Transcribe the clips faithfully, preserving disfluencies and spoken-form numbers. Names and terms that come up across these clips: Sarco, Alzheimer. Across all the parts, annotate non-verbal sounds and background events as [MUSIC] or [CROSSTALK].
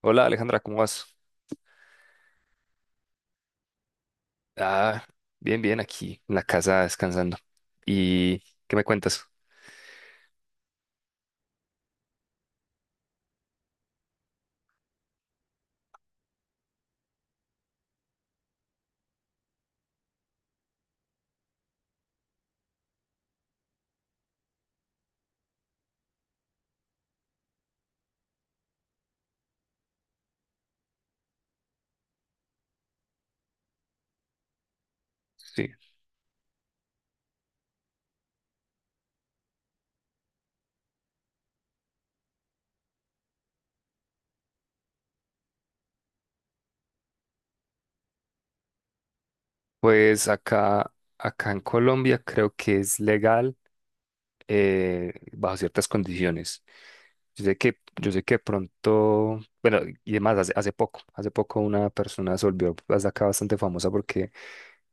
Hola Alejandra, ¿cómo vas? Ah, bien, bien, aquí en la casa descansando. ¿Y qué me cuentas? Sí, pues acá, acá en Colombia creo que es legal eh, bajo ciertas condiciones. Yo sé que, yo sé que pronto, bueno, y además hace, hace poco, hace poco una persona se volvió hasta acá bastante famosa porque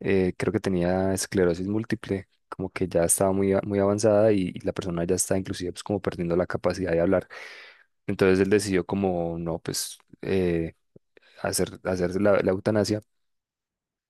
eh, creo que tenía esclerosis múltiple, como que ya estaba muy, a- muy avanzada y, y la persona ya está inclusive pues, como perdiendo la capacidad de hablar. Entonces él decidió como, no, pues eh, hacer, hacerse la, la eutanasia.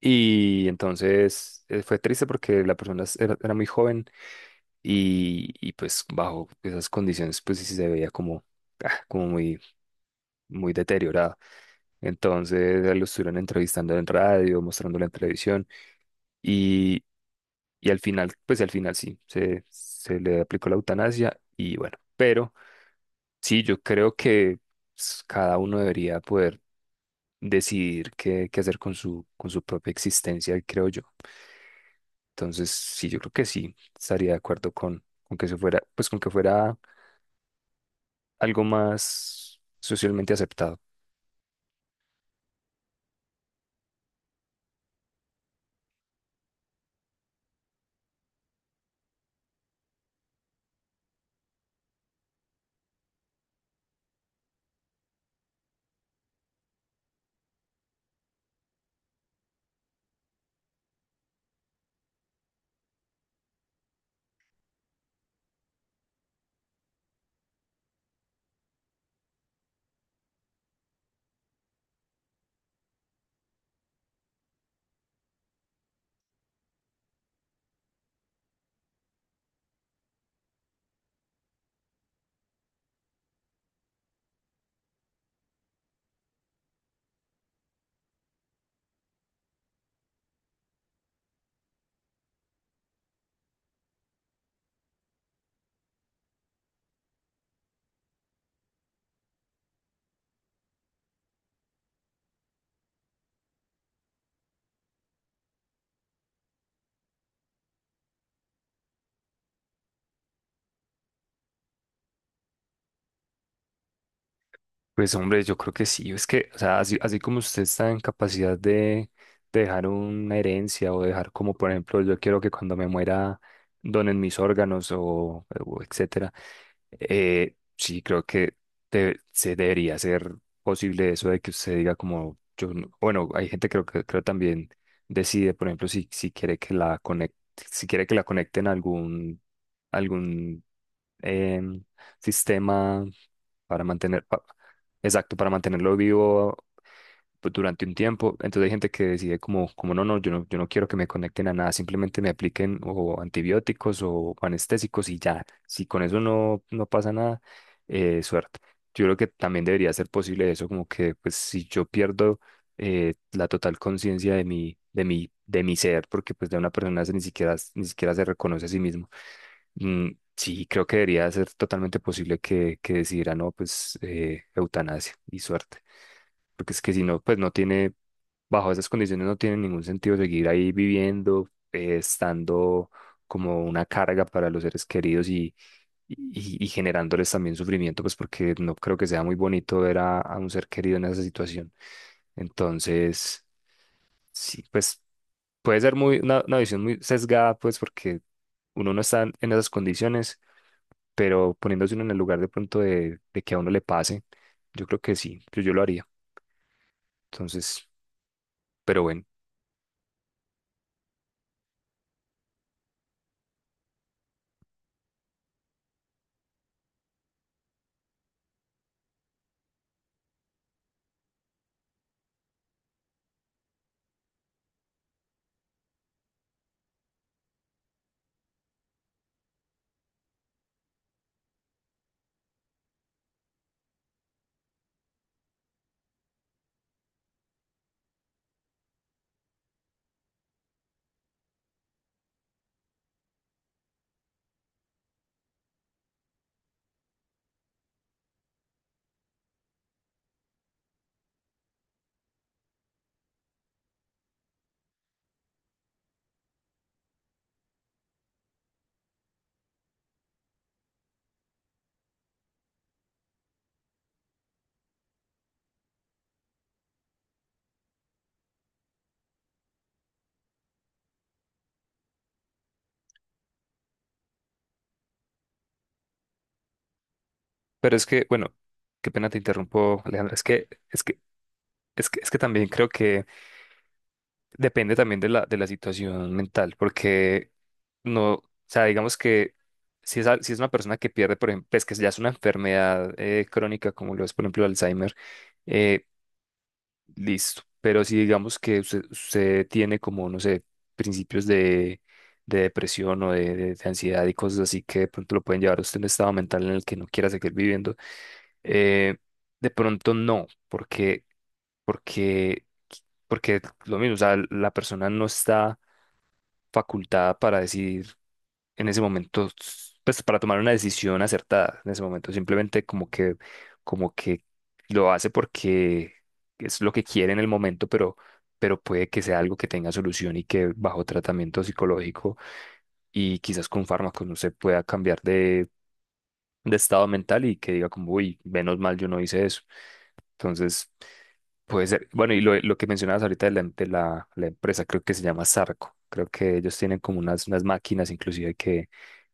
Y entonces eh, fue triste porque la persona es- era, era muy joven y, y, pues bajo esas condiciones pues sí se veía como, ah, como muy, muy deteriorada. Entonces eh, lo estuvieron entrevistando en radio, mostrándolo en televisión y, y al final, pues al final sí, se, se le aplicó la eutanasia y bueno, pero sí, yo creo que pues, cada uno debería poder decidir qué, qué hacer con su, con su propia existencia, creo yo. Entonces, sí, yo creo que sí, estaría de acuerdo con, con que eso fuera, pues con que fuera algo más socialmente aceptado. Pues hombre, yo creo que sí, es que, o sea, así, así como usted está en capacidad de, de dejar una herencia o dejar como, por ejemplo, yo quiero que cuando me muera donen mis órganos o, o etcétera, eh, sí creo que de- se debería ser posible eso de que usted diga como, yo, no- bueno, hay gente creo que creo también decide, por ejemplo, si, si quiere que la conec- si quiere que la conecten a algún, algún em, sistema para mantener, pa- exacto, para mantenerlo vivo pues, durante un tiempo. Entonces hay gente que decide como, como no, no, yo no, yo no quiero que me conecten a nada, simplemente me apliquen o antibióticos o anestésicos y ya. Si con eso no, no pasa nada, eh, suerte. Yo creo que también debería ser posible eso, como que pues si yo pierdo eh, la total conciencia de mi, de mi, de mi ser, porque pues de una persona se ni siquiera, ni siquiera se reconoce a sí mismo. Mm, sí, creo que debería ser totalmente posible que, que decidiera, no, pues eh, eutanasia y suerte, porque es que si no, pues no tiene, bajo esas condiciones no tiene ningún sentido seguir ahí viviendo, eh, estando como una carga para los seres queridos y, y, y generándoles también sufrimiento, pues porque no creo que sea muy bonito ver a, a un ser querido en esa situación. Entonces, sí, pues puede ser muy, una, una visión muy sesgada, pues porque uno no está en esas condiciones, pero poniéndose uno en el lugar de pronto de, de que a uno le pase, yo creo que sí, yo, yo lo haría. Entonces, pero bueno. Pero es que, bueno, qué pena te interrumpo, Alejandra. Es que, es que, es que, es que también creo que depende también de la, de la situación mental, porque no, o sea, digamos que si es, al- si es una persona que pierde, por ejemplo, es que ya es una enfermedad eh, crónica, como lo es, por ejemplo, el Alzheimer, eh, listo. Pero si digamos que usted, usted tiene como, no sé, principios de, de depresión o de, de de ansiedad y cosas así, que de pronto lo pueden llevar a usted en un estado mental en el que no quiera seguir viviendo, eh, de pronto no, porque, porque, porque lo mismo, o sea, la persona no está facultada para decidir en ese momento, pues para tomar una decisión acertada en ese momento, simplemente como que, como que lo hace porque es lo que quiere en el momento, pero, pero puede que sea algo que tenga solución y que bajo tratamiento psicológico y quizás con fármacos no se pueda cambiar de estado mental y que diga como, uy, menos mal yo no hice eso. Entonces, puede ser, bueno, y lo, lo que mencionabas ahorita de la, de la, la empresa, creo que se llama Sarco. Creo que ellos tienen como unas, unas máquinas inclusive que,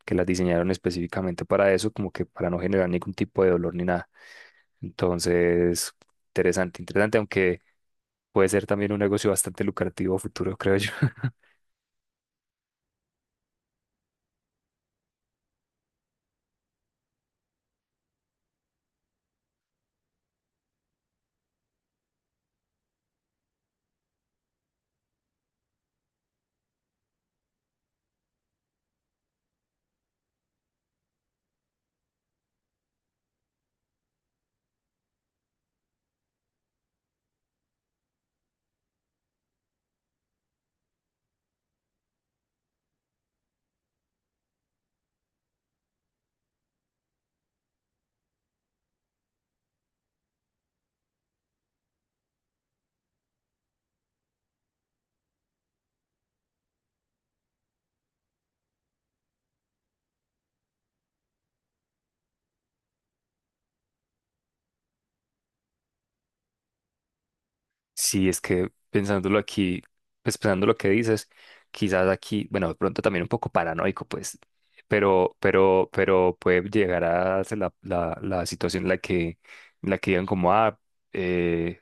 que las diseñaron específicamente para eso, como que para no generar ningún tipo de dolor ni nada. Entonces, interesante, interesante, aunque puede ser también un negocio bastante lucrativo a futuro, creo yo. [LAUGHS] Sí, es que pensándolo aquí, pues pensando lo que dices, quizás aquí, bueno, de pronto también un poco paranoico, pues, pero, pero, pero puede llegar a ser la, la, la situación en la que, en la que digan como, ah, eh,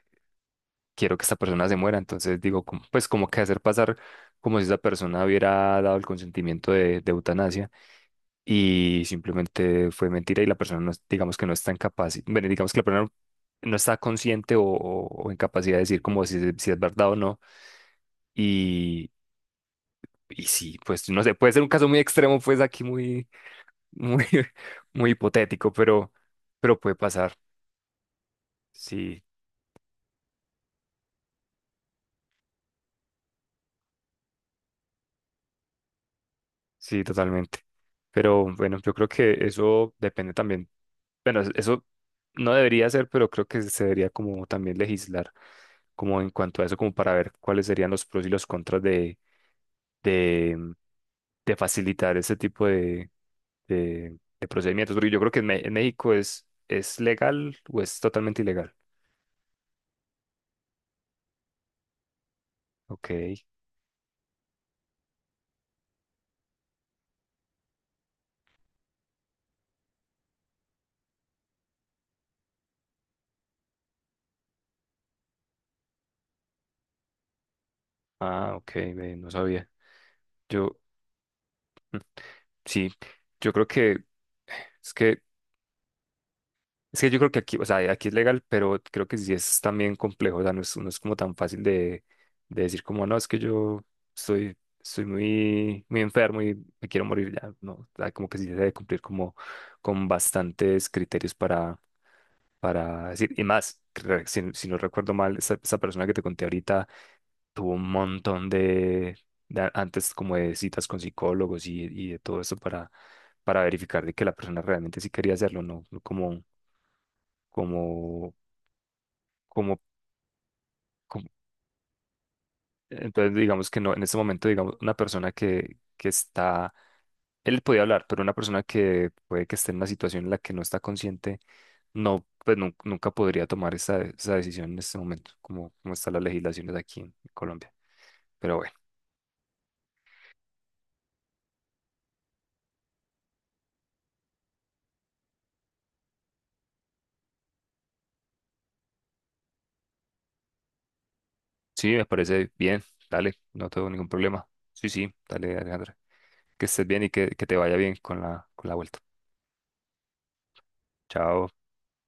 quiero que esta persona se muera, entonces digo, como- pues como que hacer pasar como si esa persona hubiera dado el consentimiento de, de eutanasia y simplemente fue mentira y la persona no, es- digamos que no está incapaz, bueno, digamos que la persona no está consciente o, o- o en capacidad de decir como si, es- si es verdad o no. Y, y sí, pues no sé, puede ser un caso muy extremo, pues aquí muy, muy, [LAUGHS] muy hipotético, pero, pero puede pasar. Sí. Sí, totalmente. Pero bueno, yo creo que eso depende también. Bueno, es- eso no debería ser, pero creo que se debería como también legislar, como en cuanto a eso, como para ver cuáles serían los pros y los contras de, de, mm, de facilitar ese tipo de, de, de procedimientos. Porque yo creo que en, Me- en México es, es legal o es totalmente ilegal. Ok. Ah, ok, ve, no sabía. Yo, mm, sí, yo creo que es que Es que yo creo que aquí, o sea, aquí es legal, pero creo que sí es también complejo, o sea, no es, no es como tan fácil de, de decir como, no, es que yo estoy, estoy muy, muy enfermo y me quiero morir ya, no, o sea, como que sí se debe cumplir como con bastantes criterios para, para decir, y más, que re- si, si no recuerdo mal, esa, esa persona que te conté ahorita tuvo un montón de, de a- antes, como de citas con psicólogos y, y de todo eso para, para verificar de que la persona realmente sí quería hacerlo, no no como, como, como, como- entonces digamos que no, en este momento, digamos, una persona que, que está, él podía hablar, pero una persona que puede que esté en una situación en la que no está consciente, no, pues nun- nunca podría tomar esa, esa decisión en este momento, como, como están las legislaciones aquí en Colombia. Pero bueno. Sí, me parece bien. Dale, no tengo ningún problema. Sí, sí, dale, Alejandra. Que estés bien y que, que te vaya bien con la, con la vuelta. Chao.